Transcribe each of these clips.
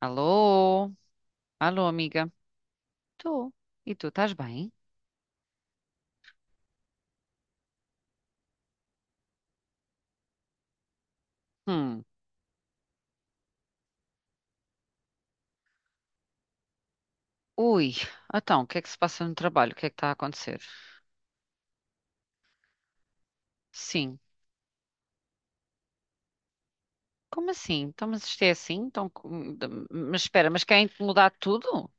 Alô? Alô, amiga? Tu? E tu, estás bem? Hum. Ui, então, o que é que se passa no trabalho? O que é que está a acontecer? Sim. Como assim? Então, mas isto é assim? Então, mas espera, mas querem mudar tudo?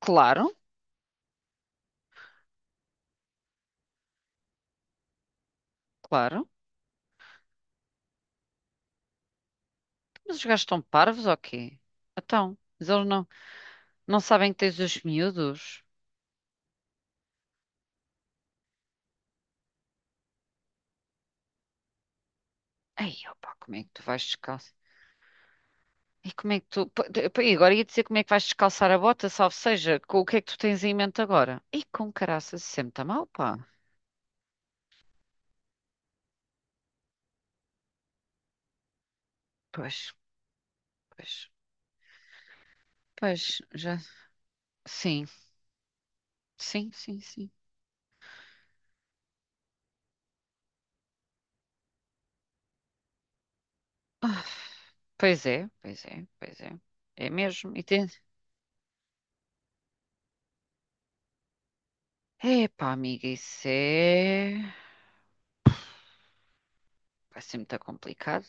Claro, claro. Mas os gajos estão parvos ou quê? Então, mas eles não sabem que tens os miúdos? Ei, opa, como é que tu vais descalço? E como é que tu... Pô, pô, e agora ia dizer como é que vais descalçar a bota, salvo seja, com o que é que tu tens em mente agora? E com caraças, isso sempre está mal, pá. Pois, pois, pois, já. Sim, sim, sim, sim. Pois é, pois é, pois é. É mesmo. E tem... Epá, amiga, isso é. Vai ser muito complicado.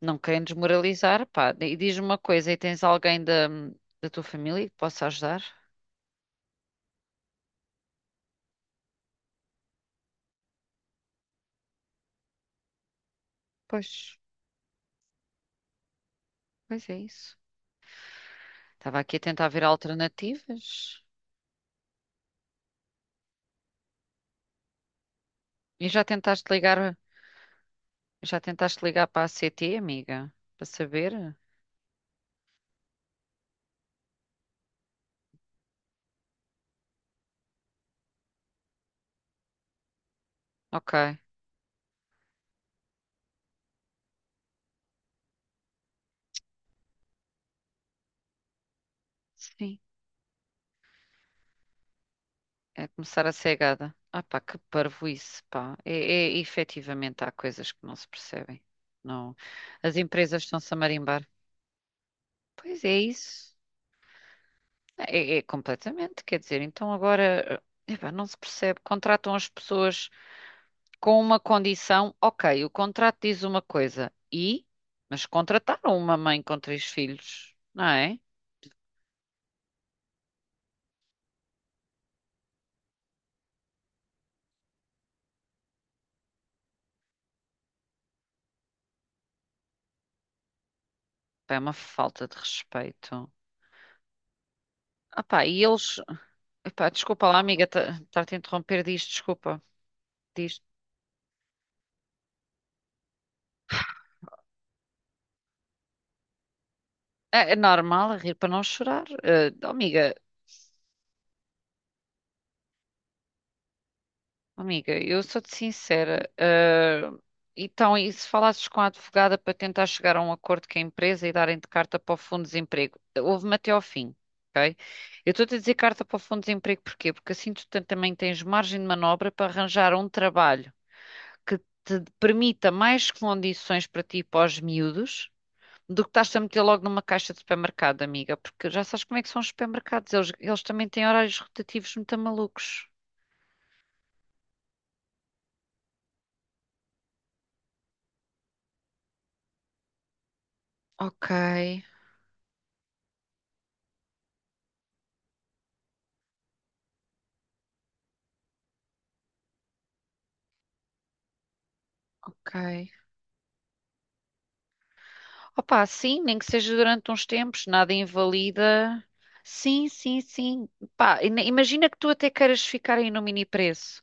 Não querem desmoralizar, pá. E diz-me uma coisa, e tens alguém da tua família que possa ajudar? Pois, pois é isso. Estava aqui a tentar ver alternativas. E já tentaste ligar para a CT, amiga? Para saber? Ok. Sim. É começar a ser gada. Ah pá, que parvoíce, pá. Efetivamente há coisas que não se percebem. Não. As empresas estão-se a marimbar. Pois é isso. É completamente, quer dizer, então agora, epá, não se percebe. Contratam as pessoas com uma condição, ok, o contrato diz uma coisa, e? Mas contrataram uma mãe com três filhos, não é? Pá, é uma falta de respeito. Ah pá, epá, desculpa lá, amiga, estar-te a interromper disto, desculpa. Diz. É normal, rir para não chorar. Eh, oh, amiga, eu sou-te sincera. Então, e se falasses com a advogada para tentar chegar a um acordo com a empresa e darem de carta para o Fundo de Desemprego? Houve-me até ao fim, ok? Eu estou-te a dizer carta para o Fundo de Desemprego porquê? Porque assim tu também tens margem de manobra para arranjar um trabalho que te permita mais condições para ti e para os miúdos do que estás a meter logo numa caixa de supermercado, amiga, porque já sabes como é que são os supermercados, eles também têm horários rotativos muito malucos. Ok, ok. Opa, sim, nem que seja durante uns tempos, nada invalida. Sim, sim, sim. Pá, imagina que tu até queiras ficar aí no mini preço,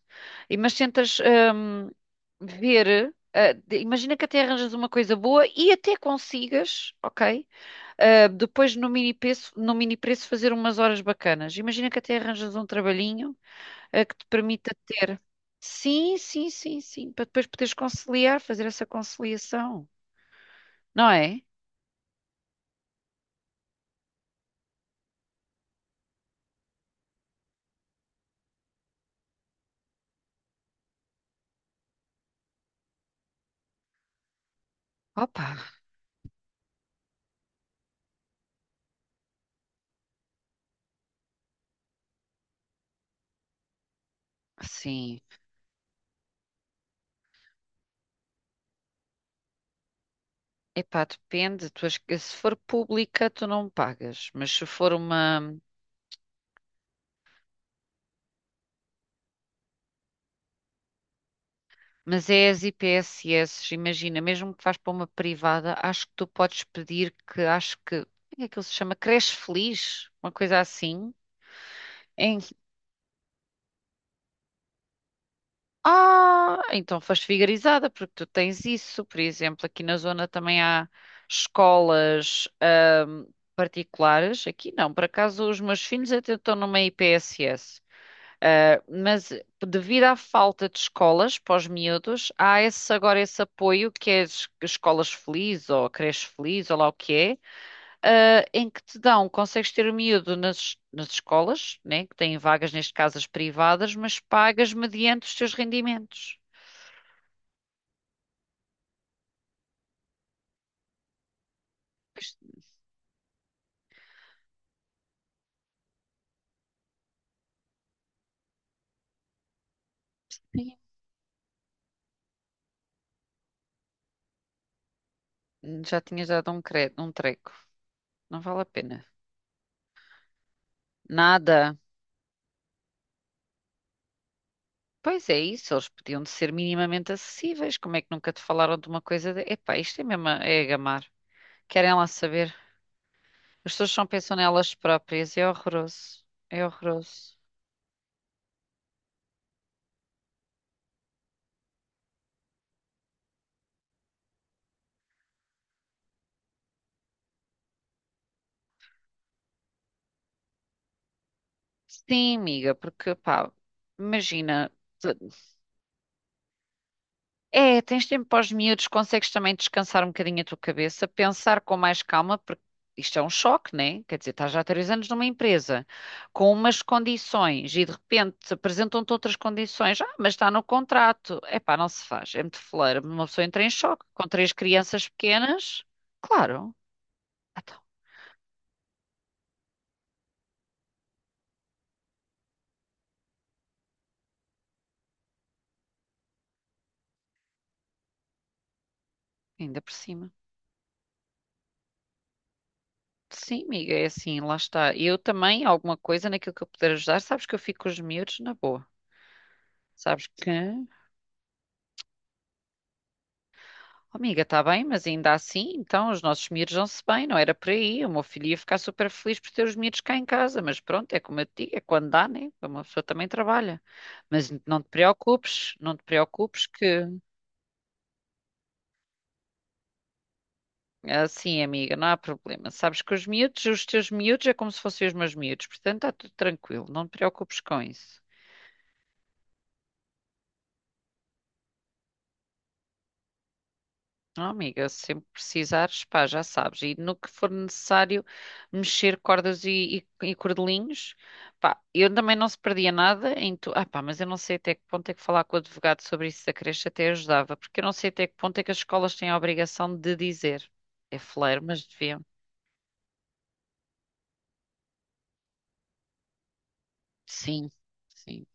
e mas tentas ver, imagina que até arranjas uma coisa boa e até consigas, ok? Ah, depois no mini preço fazer umas horas bacanas. Imagina que até arranjas um trabalhinho, que te permita ter. Sim, sim, sim, sim, para depois poderes conciliar, fazer essa conciliação, não é? Opa, sim. Epá, depende. Tu, se for pública, tu não pagas. Mas se for uma. Mas é as IPSS, imagina, mesmo que vás para uma privada, acho que tu podes pedir que. Acho que. Como é que ele se chama? Creche Feliz? Uma coisa assim. Ah, então foste vigarizada, porque tu tens isso. Por exemplo, aqui na zona também há escolas particulares. Aqui não, por acaso os meus filhos até estão numa IPSS. Ah, mas devido à falta de escolas para os miúdos, há esse, agora esse apoio que é escolas felizes ou creche feliz ou lá o que é, em que te dão, consegues ter o miúdo nas escolas, né, que têm vagas, neste caso as privadas, mas pagas mediante os teus rendimentos. Pois, ai, já tinhas dado um treco. Não vale a pena. Nada. Pois é isso, eles podiam de ser minimamente acessíveis. Como é que nunca te falaram de uma coisa de... Epá, isto é mesmo a... é a gamar. Querem lá saber. As pessoas só pensam nelas próprias. É horroroso. É horroroso. Sim, amiga, porque, pá, imagina. É, tens tempo para os miúdos, consegues também descansar um bocadinho a tua cabeça, pensar com mais calma, porque isto é um choque, né? Quer dizer, estás já há 3 anos numa empresa com umas condições e de repente apresentam-te outras condições. Ah, mas está no contrato. Epá, não se faz. É muito feleira. Uma pessoa entra em choque com três crianças pequenas. Claro. Então, ainda por cima. Sim, amiga, é assim, lá está. Eu também, alguma coisa naquilo que eu puder ajudar, sabes que eu fico com os miúdos na boa. Sabes que. Amiga, está bem, mas ainda assim, então, os nossos miúdos vão-se bem, não era por aí. O meu filho ia ficar super feliz por ter os miúdos cá em casa, mas pronto, é como eu te digo, é quando dá, né? Uma pessoa também trabalha. Mas não te preocupes, não te preocupes que, assim, amiga, não há problema. Sabes que os miúdos, os teus miúdos é como se fossem os meus miúdos, portanto, está tudo tranquilo, não te preocupes com isso. Ah, amiga, sempre precisares, pá, já sabes. E no que for necessário mexer cordas e cordelinhos, pá, eu também não se perdia nada em tu. Ah, pá, mas eu não sei até que ponto é que falar com o advogado sobre isso da creche até ajudava, porque eu não sei até que ponto é que as escolas têm a obrigação de dizer. É fleiro, mas deviam. Sim, sim,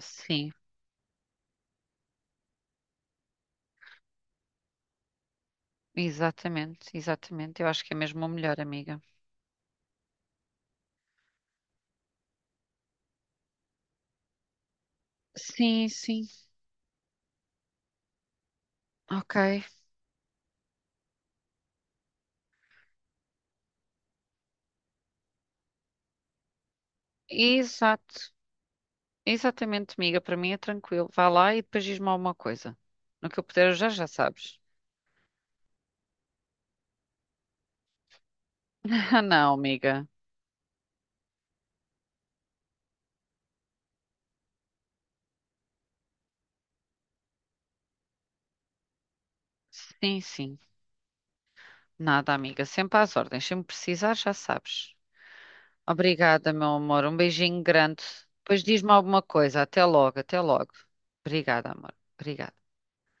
sim, exatamente, exatamente. Eu acho que é mesmo o melhor, amiga. Sim, sim, ok. Exato. Exatamente, amiga, para mim é tranquilo. Vá lá e depois diz-me alguma coisa. No que eu puder ajudar, já sabes. Ah, não, amiga. Sim, sim. Nada, amiga. Sempre às ordens. Sempre precisar, já sabes. Obrigada, meu amor. Um beijinho grande. Depois diz-me alguma coisa. Até logo, até logo. Obrigada, amor. Obrigada.